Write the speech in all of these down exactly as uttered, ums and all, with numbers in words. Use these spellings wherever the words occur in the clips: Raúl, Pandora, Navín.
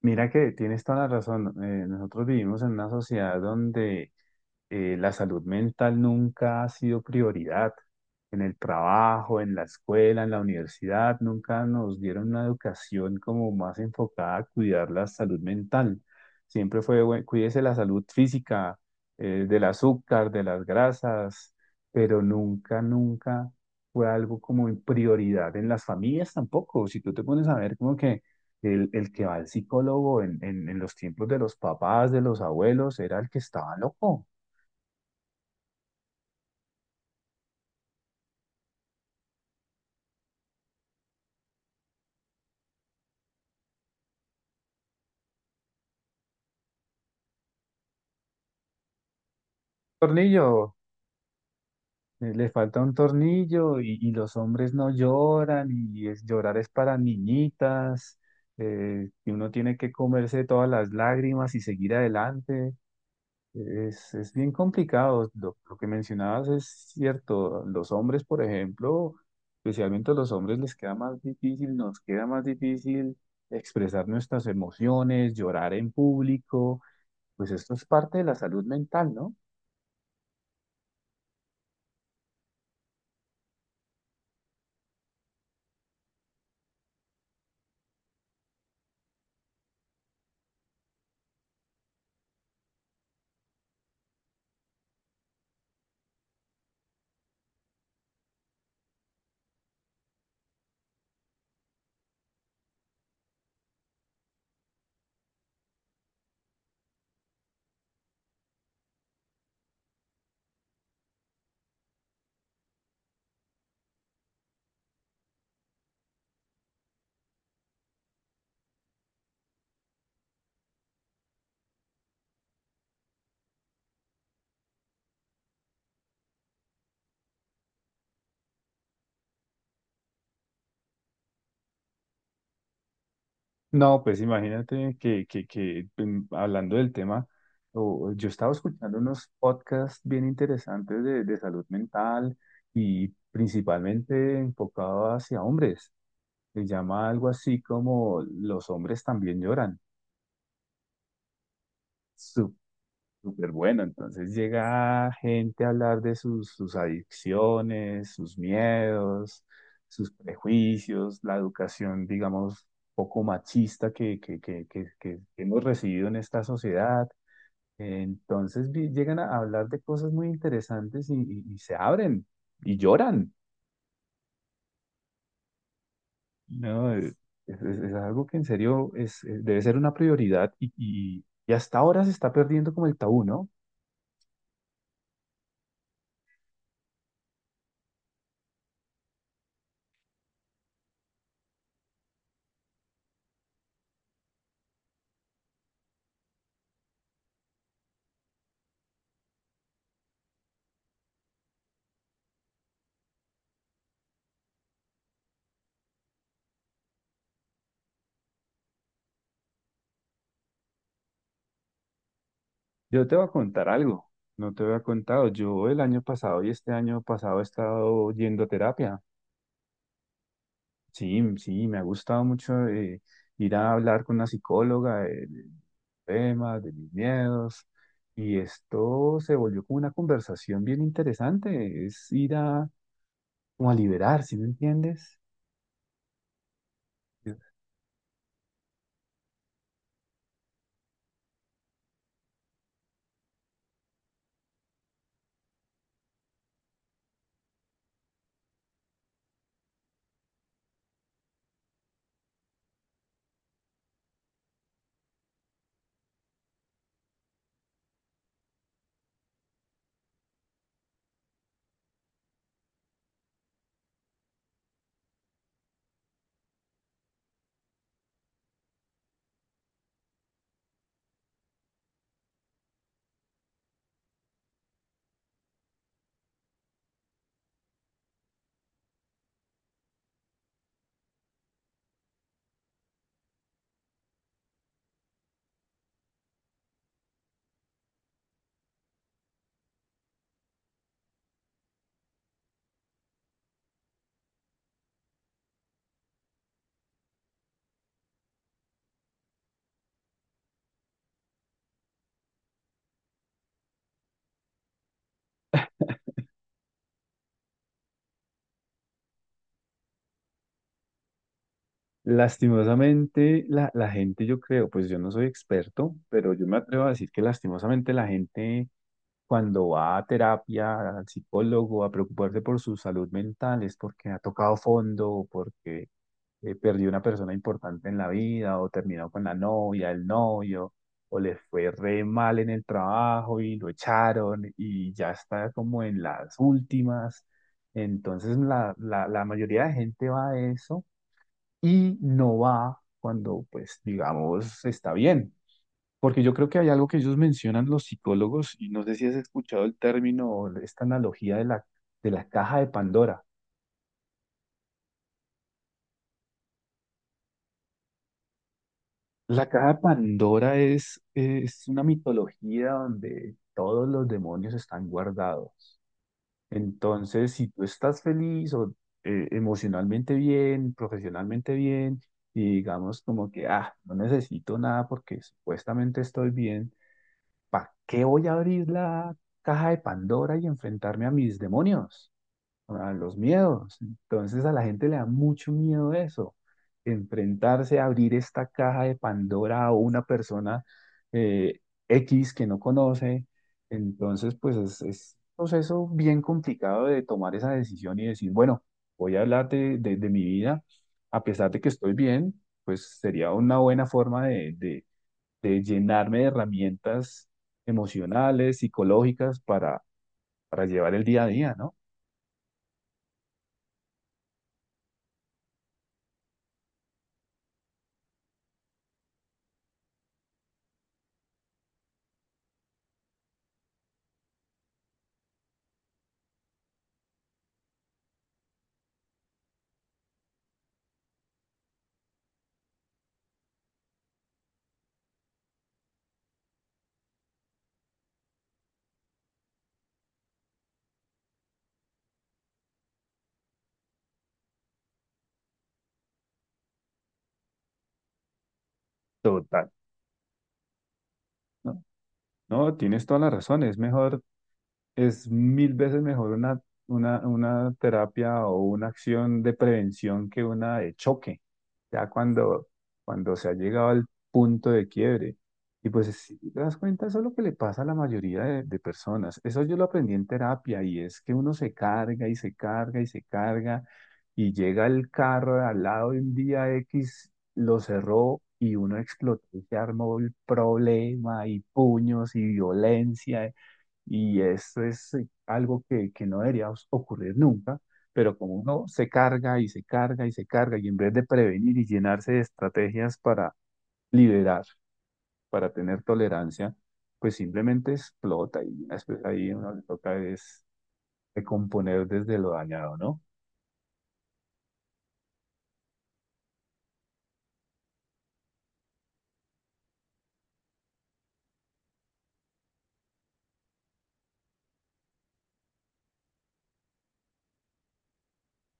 Mira que tienes toda la razón. Eh, nosotros vivimos en una sociedad donde eh, la salud mental nunca ha sido prioridad. En el trabajo, en la escuela, en la universidad, nunca nos dieron una educación como más enfocada a cuidar la salud mental. Siempre fue, "Bueno, cuídese la salud física, eh, del azúcar, de las grasas, pero nunca, nunca fue algo como en prioridad en las familias tampoco. Si tú te pones a ver como que el, el que va al psicólogo en, en en los tiempos de los papás, de los abuelos, era el que estaba loco. Tornillo, eh, le falta un tornillo y, y los hombres no lloran y es, llorar es para niñitas, eh, y uno tiene que comerse todas las lágrimas y seguir adelante. Es, es bien complicado. Lo, lo que mencionabas es cierto. Los hombres, por ejemplo, especialmente a los hombres les queda más difícil, nos queda más difícil expresar nuestras emociones, llorar en público. Pues esto es parte de la salud mental, ¿no? No, pues imagínate que, que, que em, hablando del tema, o- yo estaba escuchando unos podcasts bien interesantes de, de salud mental y principalmente enfocado hacia hombres. Se llama algo así como Los hombres también lloran. Súper bueno, entonces llega gente a hablar de sus, sus adicciones, sus miedos, sus prejuicios, la educación, digamos, poco machista que, que, que, que, que hemos recibido en esta sociedad. Entonces vi- llegan a hablar de cosas muy interesantes y, y- y se abren y lloran. No, es, es- es algo que en serio es, es- debe ser una prioridad y, y, y hasta ahora se está perdiendo como el tabú, ¿no? Yo te voy a contar algo, no te había contado. Yo el año pasado y este año pasado he estado yendo a terapia. Sí, m- sí, me ha gustado mucho, eh, ir a hablar con una psicóloga de, de temas, de mis miedos. Y esto se volvió como una conversación bien interesante. Es ir a, como a liberar, ¿sí me entiendes? Lastimosamente, la, la gente, yo creo, pues yo no soy experto, pero yo me atrevo a decir que lastimosamente la gente cuando va a terapia, al psicólogo, a preocuparse por su salud mental, es porque ha tocado fondo, o porque eh, perdió una persona importante en la vida, o terminó con la novia, el novio, o le fue re mal en el trabajo y lo echaron y ya está como en las últimas. Entonces la, la, la mayoría de gente va a eso y no va cuando, pues, digamos, está bien. Porque yo creo que hay algo que ellos mencionan los psicólogos, y no sé si has escuchado el término o esta analogía de la, de la caja de Pandora. La caja de Pandora es, es una mitología donde todos los demonios están guardados. Entonces, si tú estás feliz o eh, emocionalmente bien, profesionalmente bien, y digamos como que, ah, no necesito nada porque supuestamente estoy bien, ¿para qué voy a abrir la caja de Pandora y enfrentarme a mis demonios? A los miedos. Entonces a la gente le da mucho miedo eso, enfrentarse a abrir esta caja de Pandora a una persona eh, X que no conoce. Entonces, pues es, es un proceso bien complicado de tomar esa decisión y decir, bueno, voy a hablar de, de- de mi vida, a pesar de que estoy bien, pues sería una buena forma de, de- de llenarme de herramientas emocionales, psicológicas para, para llevar el día a día, ¿no? Total. ¿No? No, tienes toda la razón. Es mejor es mil veces mejor una, una, una terapia o una acción de prevención que una de choque, ya cuando, cuando se ha llegado al punto de quiebre. Y pues si te das cuenta, eso es lo que le pasa a la mayoría de, de personas. Eso yo lo aprendí en terapia y es que uno se carga y se carga y se carga y llega el carro de al lado de un día X, lo cerró y uno explotó y se armó el problema y puños y violencia. Y esto es, eh, algo que, que no debería os- ocurrir nunca, pero como uno se carga y se carga y se carga, y en vez de prevenir y llenarse de estrategias para liberar, para tener tolerancia, pues simplemente explota y después ahí uno le toca es recomponer desde lo dañado, ¿no?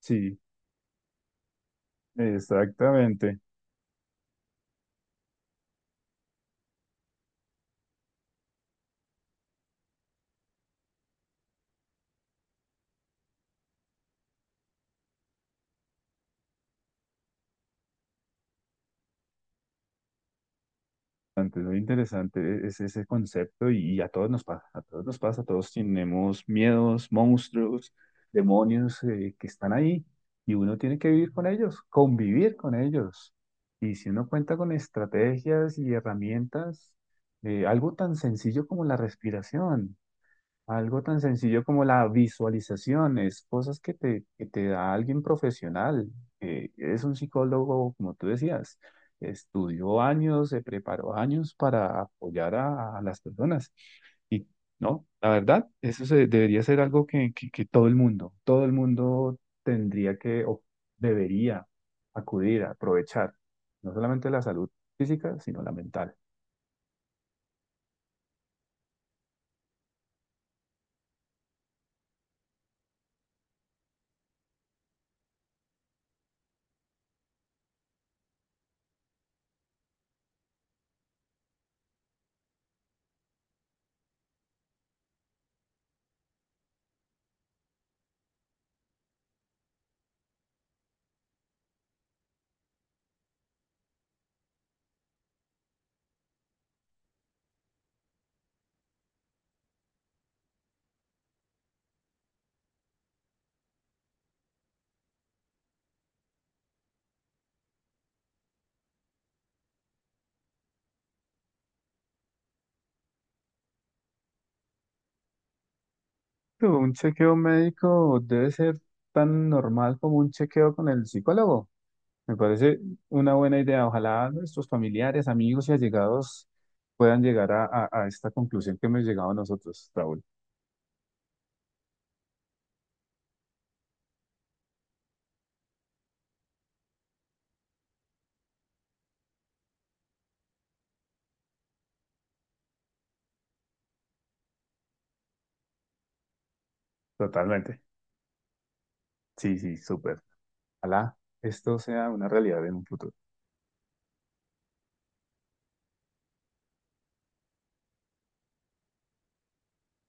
Sí, exactamente. Interesante, muy interesante es ese concepto y, y a todos nos pasa, a todos nos pasa, todos tenemos miedos, monstruos, demonios, eh, que están ahí y uno tiene que vivir con ellos, convivir con ellos. Y si uno cuenta con estrategias y herramientas, eh, algo tan sencillo como la respiración. Algo tan sencillo como la visualización, es cosas que te, que te da alguien profesional. Eh, es un psicólogo, como tú decías, estudió años, se preparó años para apoyar a, a las personas. Y no, la verdad, eso se, debería ser algo que, que, que todo el mundo, todo el mundo tendría que o debería acudir a aprovechar, no solamente la salud física, sino la mental. Un chequeo médico debe ser tan normal como un chequeo con el psicólogo. Me parece una buena idea. Ojalá nuestros familiares, amigos y allegados puedan llegar a, a- a esta conclusión que hemos llegado nosotros, Raúl. Totalmente. Sí, sí, súper. Ojalá esto sea una realidad en un futuro.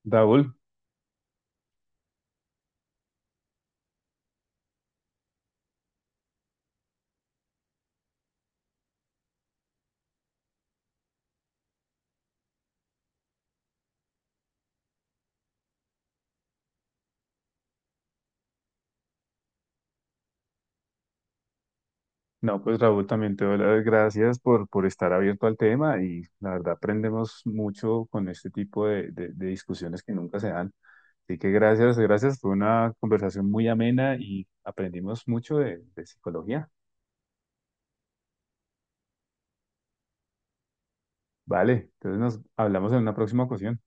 Raúl, no, pues Raúl, también te doy las gracias por, por estar abierto al tema y la verdad aprendemos mucho con este tipo de de- de discusiones que nunca se dan. Así que gracias, gracias. Fue una conversación muy amena y aprendimos mucho de, de psicología. Vale, entonces nos hablamos en una próxima ocasión.